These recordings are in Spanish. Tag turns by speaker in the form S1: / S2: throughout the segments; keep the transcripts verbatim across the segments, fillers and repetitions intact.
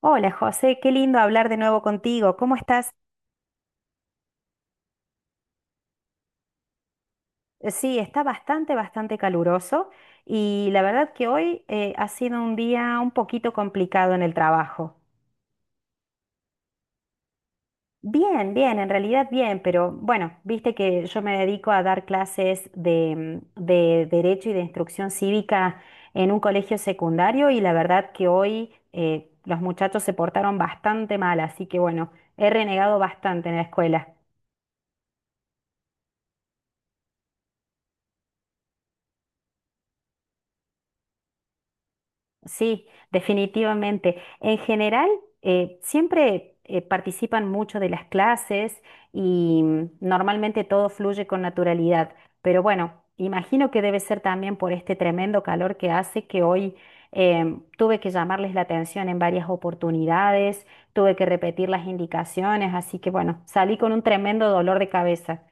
S1: Hola José, qué lindo hablar de nuevo contigo. ¿Cómo estás? Eh, Sí, está bastante, bastante caluroso y la verdad que hoy eh, ha sido un día un poquito complicado en el trabajo. Bien, bien, en realidad bien, pero bueno, viste que yo me dedico a dar clases de, mm, de Derecho y de Instrucción Cívica en un colegio secundario y la verdad que hoy eh, los muchachos se portaron bastante mal, así que bueno, he renegado bastante en la escuela. Sí, definitivamente. En general, eh, siempre eh, participan mucho de las clases y mm, normalmente todo fluye con naturalidad. Pero bueno, imagino que debe ser también por este tremendo calor que hace que hoy em, tuve que llamarles la atención en varias oportunidades, tuve que repetir las indicaciones, así que bueno, salí con un tremendo dolor de cabeza.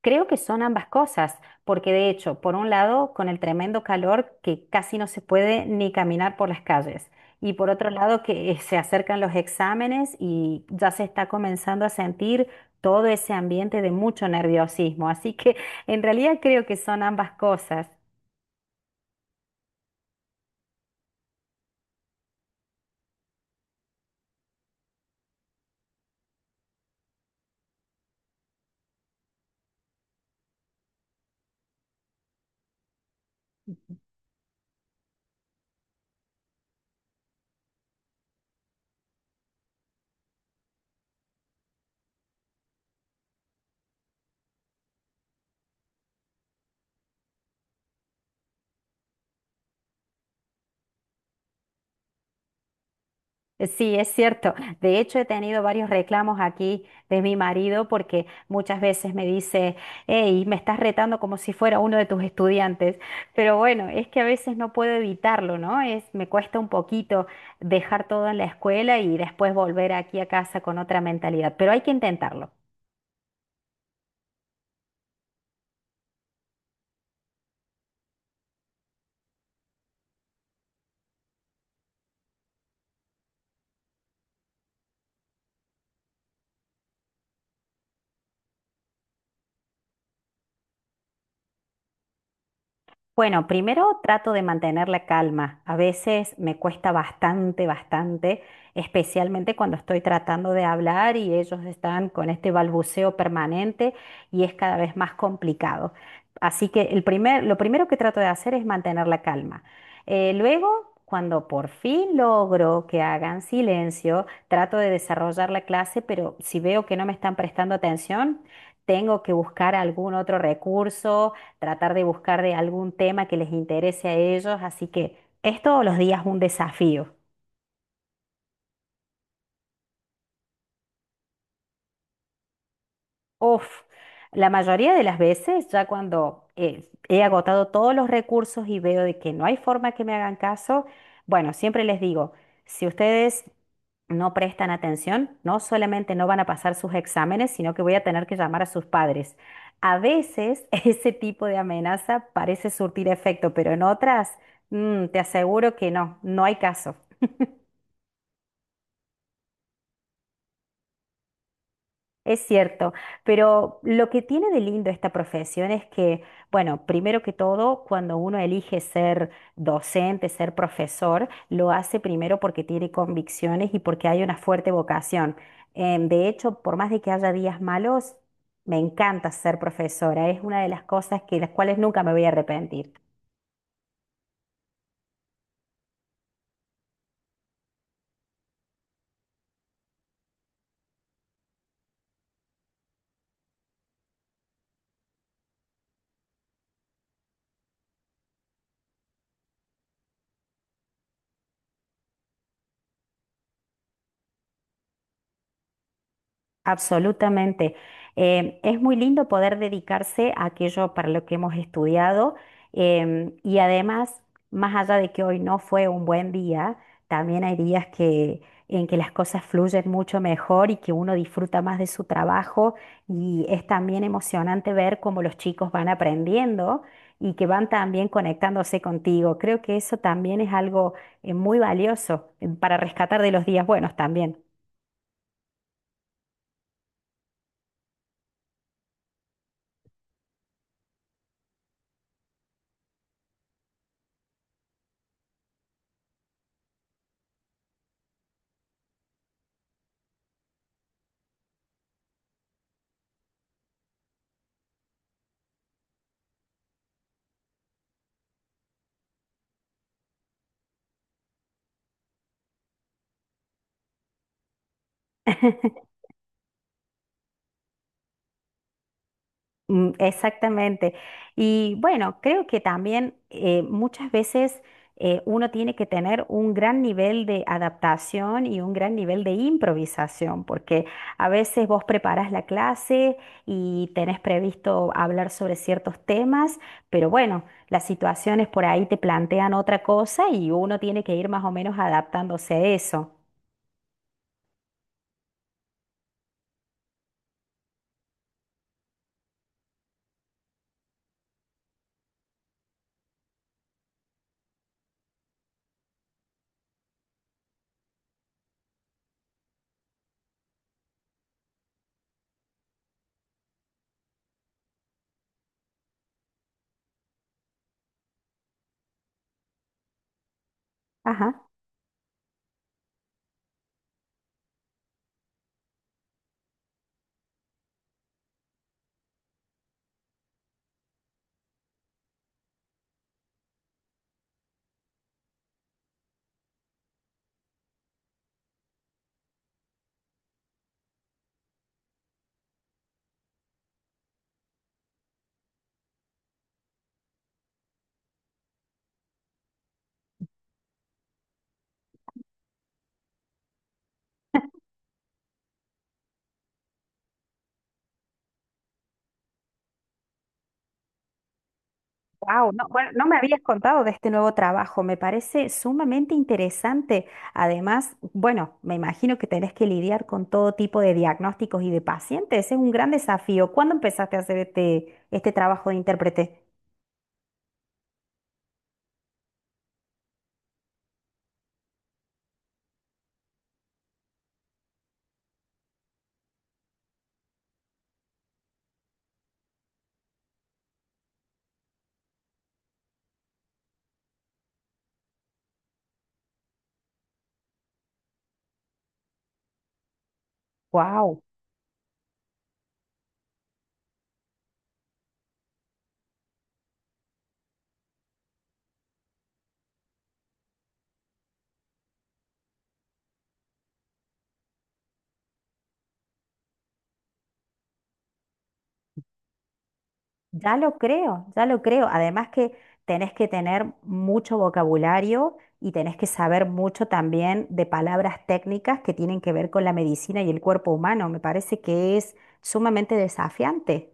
S1: Creo que son ambas cosas, porque de hecho, por un lado, con el tremendo calor que casi no se puede ni caminar por las calles, y por otro lado, que se acercan los exámenes y ya se está comenzando a sentir todo ese ambiente de mucho nerviosismo. Así que en realidad creo que son ambas cosas. Sí, es cierto. De hecho, he tenido varios reclamos aquí de mi marido porque muchas veces me dice, hey, me estás retando como si fuera uno de tus estudiantes. Pero bueno, es que a veces no puedo evitarlo, ¿no? Es, me cuesta un poquito dejar todo en la escuela y después volver aquí a casa con otra mentalidad, pero hay que intentarlo. Bueno, primero trato de mantener la calma. A veces me cuesta bastante, bastante, especialmente cuando estoy tratando de hablar y ellos están con este balbuceo permanente y es cada vez más complicado. Así que el primer, lo primero que trato de hacer es mantener la calma. Eh, luego, cuando por fin logro que hagan silencio, trato de desarrollar la clase, pero si veo que no me están prestando atención, tengo que buscar algún otro recurso tratar de buscar de algún tema que les interese a ellos, así que es todos los días un desafío. Uf, la mayoría de las veces ya cuando eh, he agotado todos los recursos y veo de que no hay forma que me hagan caso, bueno, siempre les digo, si ustedes no prestan atención, no solamente no van a pasar sus exámenes, sino que voy a tener que llamar a sus padres. A veces ese tipo de amenaza parece surtir efecto, pero en otras, mm, te aseguro que no, no hay caso. Es cierto, pero lo que tiene de lindo esta profesión es que, bueno, primero que todo, cuando uno elige ser docente, ser profesor, lo hace primero porque tiene convicciones y porque hay una fuerte vocación. Em, de hecho, por más de que haya días malos, me encanta ser profesora. Es una de las cosas que las cuales nunca me voy a arrepentir. Absolutamente. Eh, es muy lindo poder dedicarse a aquello para lo que hemos estudiado em, y además, más allá de que hoy no fue un buen día, también hay días que, en que las cosas fluyen mucho mejor y que uno disfruta más de su trabajo y es también emocionante ver cómo los chicos van aprendiendo y que van también conectándose contigo. Creo que eso también es algo eh, muy valioso eh, para rescatar de los días buenos también. Mm, exactamente. Y bueno, creo que también eh, muchas veces eh, uno tiene que tener un gran nivel de adaptación y un gran nivel de improvisación, porque a veces vos preparas la clase y tenés previsto hablar sobre ciertos temas, pero bueno, las situaciones por ahí te plantean otra cosa y uno tiene que ir más o menos adaptándose a eso. Ajá. Wow, no, bueno, no me habías contado de este nuevo trabajo, me parece sumamente interesante. Además, bueno, me imagino que tenés que lidiar con todo tipo de diagnósticos y de pacientes, es un gran desafío. ¿Cuándo empezaste a hacer este, este trabajo de intérprete? Wow, ya lo creo, ya lo creo. Además que tenés que tener mucho vocabulario y tenés que saber mucho también de palabras técnicas que tienen que ver con la medicina y el cuerpo humano. Me parece que es sumamente desafiante.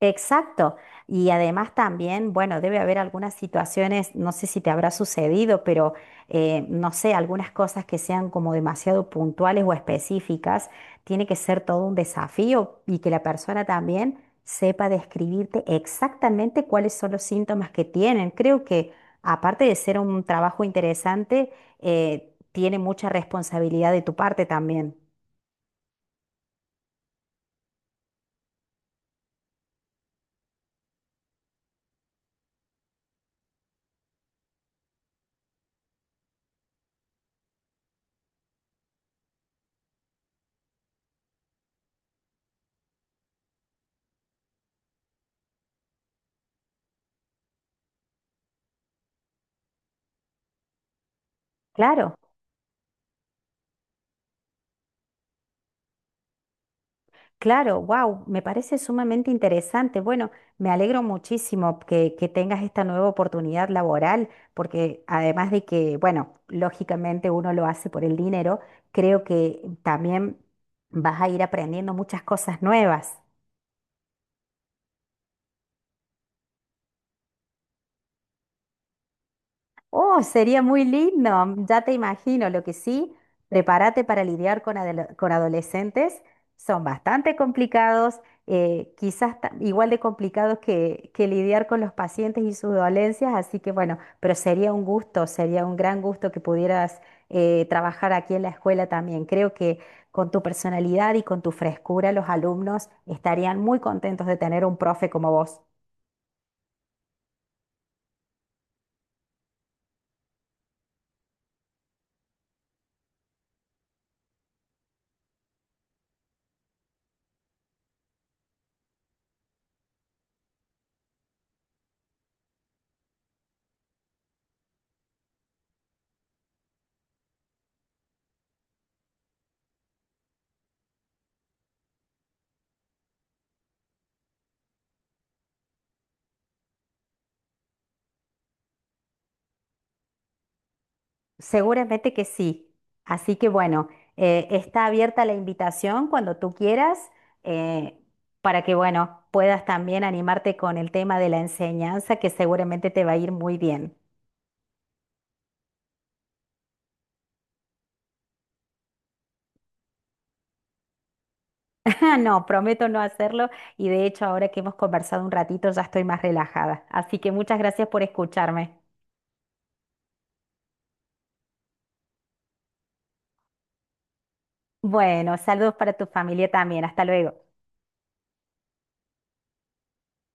S1: Exacto. Y además también, bueno, debe haber algunas situaciones, no sé si te habrá sucedido, pero eh, no sé, algunas cosas que sean como demasiado puntuales o específicas, tiene que ser todo un desafío y que la persona también sepa describirte exactamente cuáles son los síntomas que tienen. Creo que aparte de ser un trabajo interesante, eh, tiene mucha responsabilidad de tu parte también. Claro. Claro, wow, me parece sumamente interesante. Bueno, me alegro muchísimo que, que tengas esta nueva oportunidad laboral, porque además de que, bueno, lógicamente uno lo hace por el dinero, creo que también vas a ir aprendiendo muchas cosas nuevas. Oh, sería muy lindo, ya te imagino. Lo que sí, prepárate para lidiar con, adole- con adolescentes. Son bastante complicados, eh, quizás ta- igual de complicados que, que lidiar con los pacientes y sus dolencias. Así que bueno, pero sería un gusto, sería un gran gusto que pudieras eh, trabajar aquí en la escuela también. Creo que con tu personalidad y con tu frescura, los alumnos estarían muy contentos de tener un profe como vos. Seguramente que sí. Así que bueno, eh, está abierta la invitación cuando tú quieras, eh, para que bueno, puedas también animarte con el tema de la enseñanza, que seguramente te va a ir muy bien. Ah, no, prometo no hacerlo y de hecho ahora que hemos conversado un ratito ya estoy más relajada. Así que muchas gracias por escucharme. Bueno, saludos para tu familia también. Hasta luego.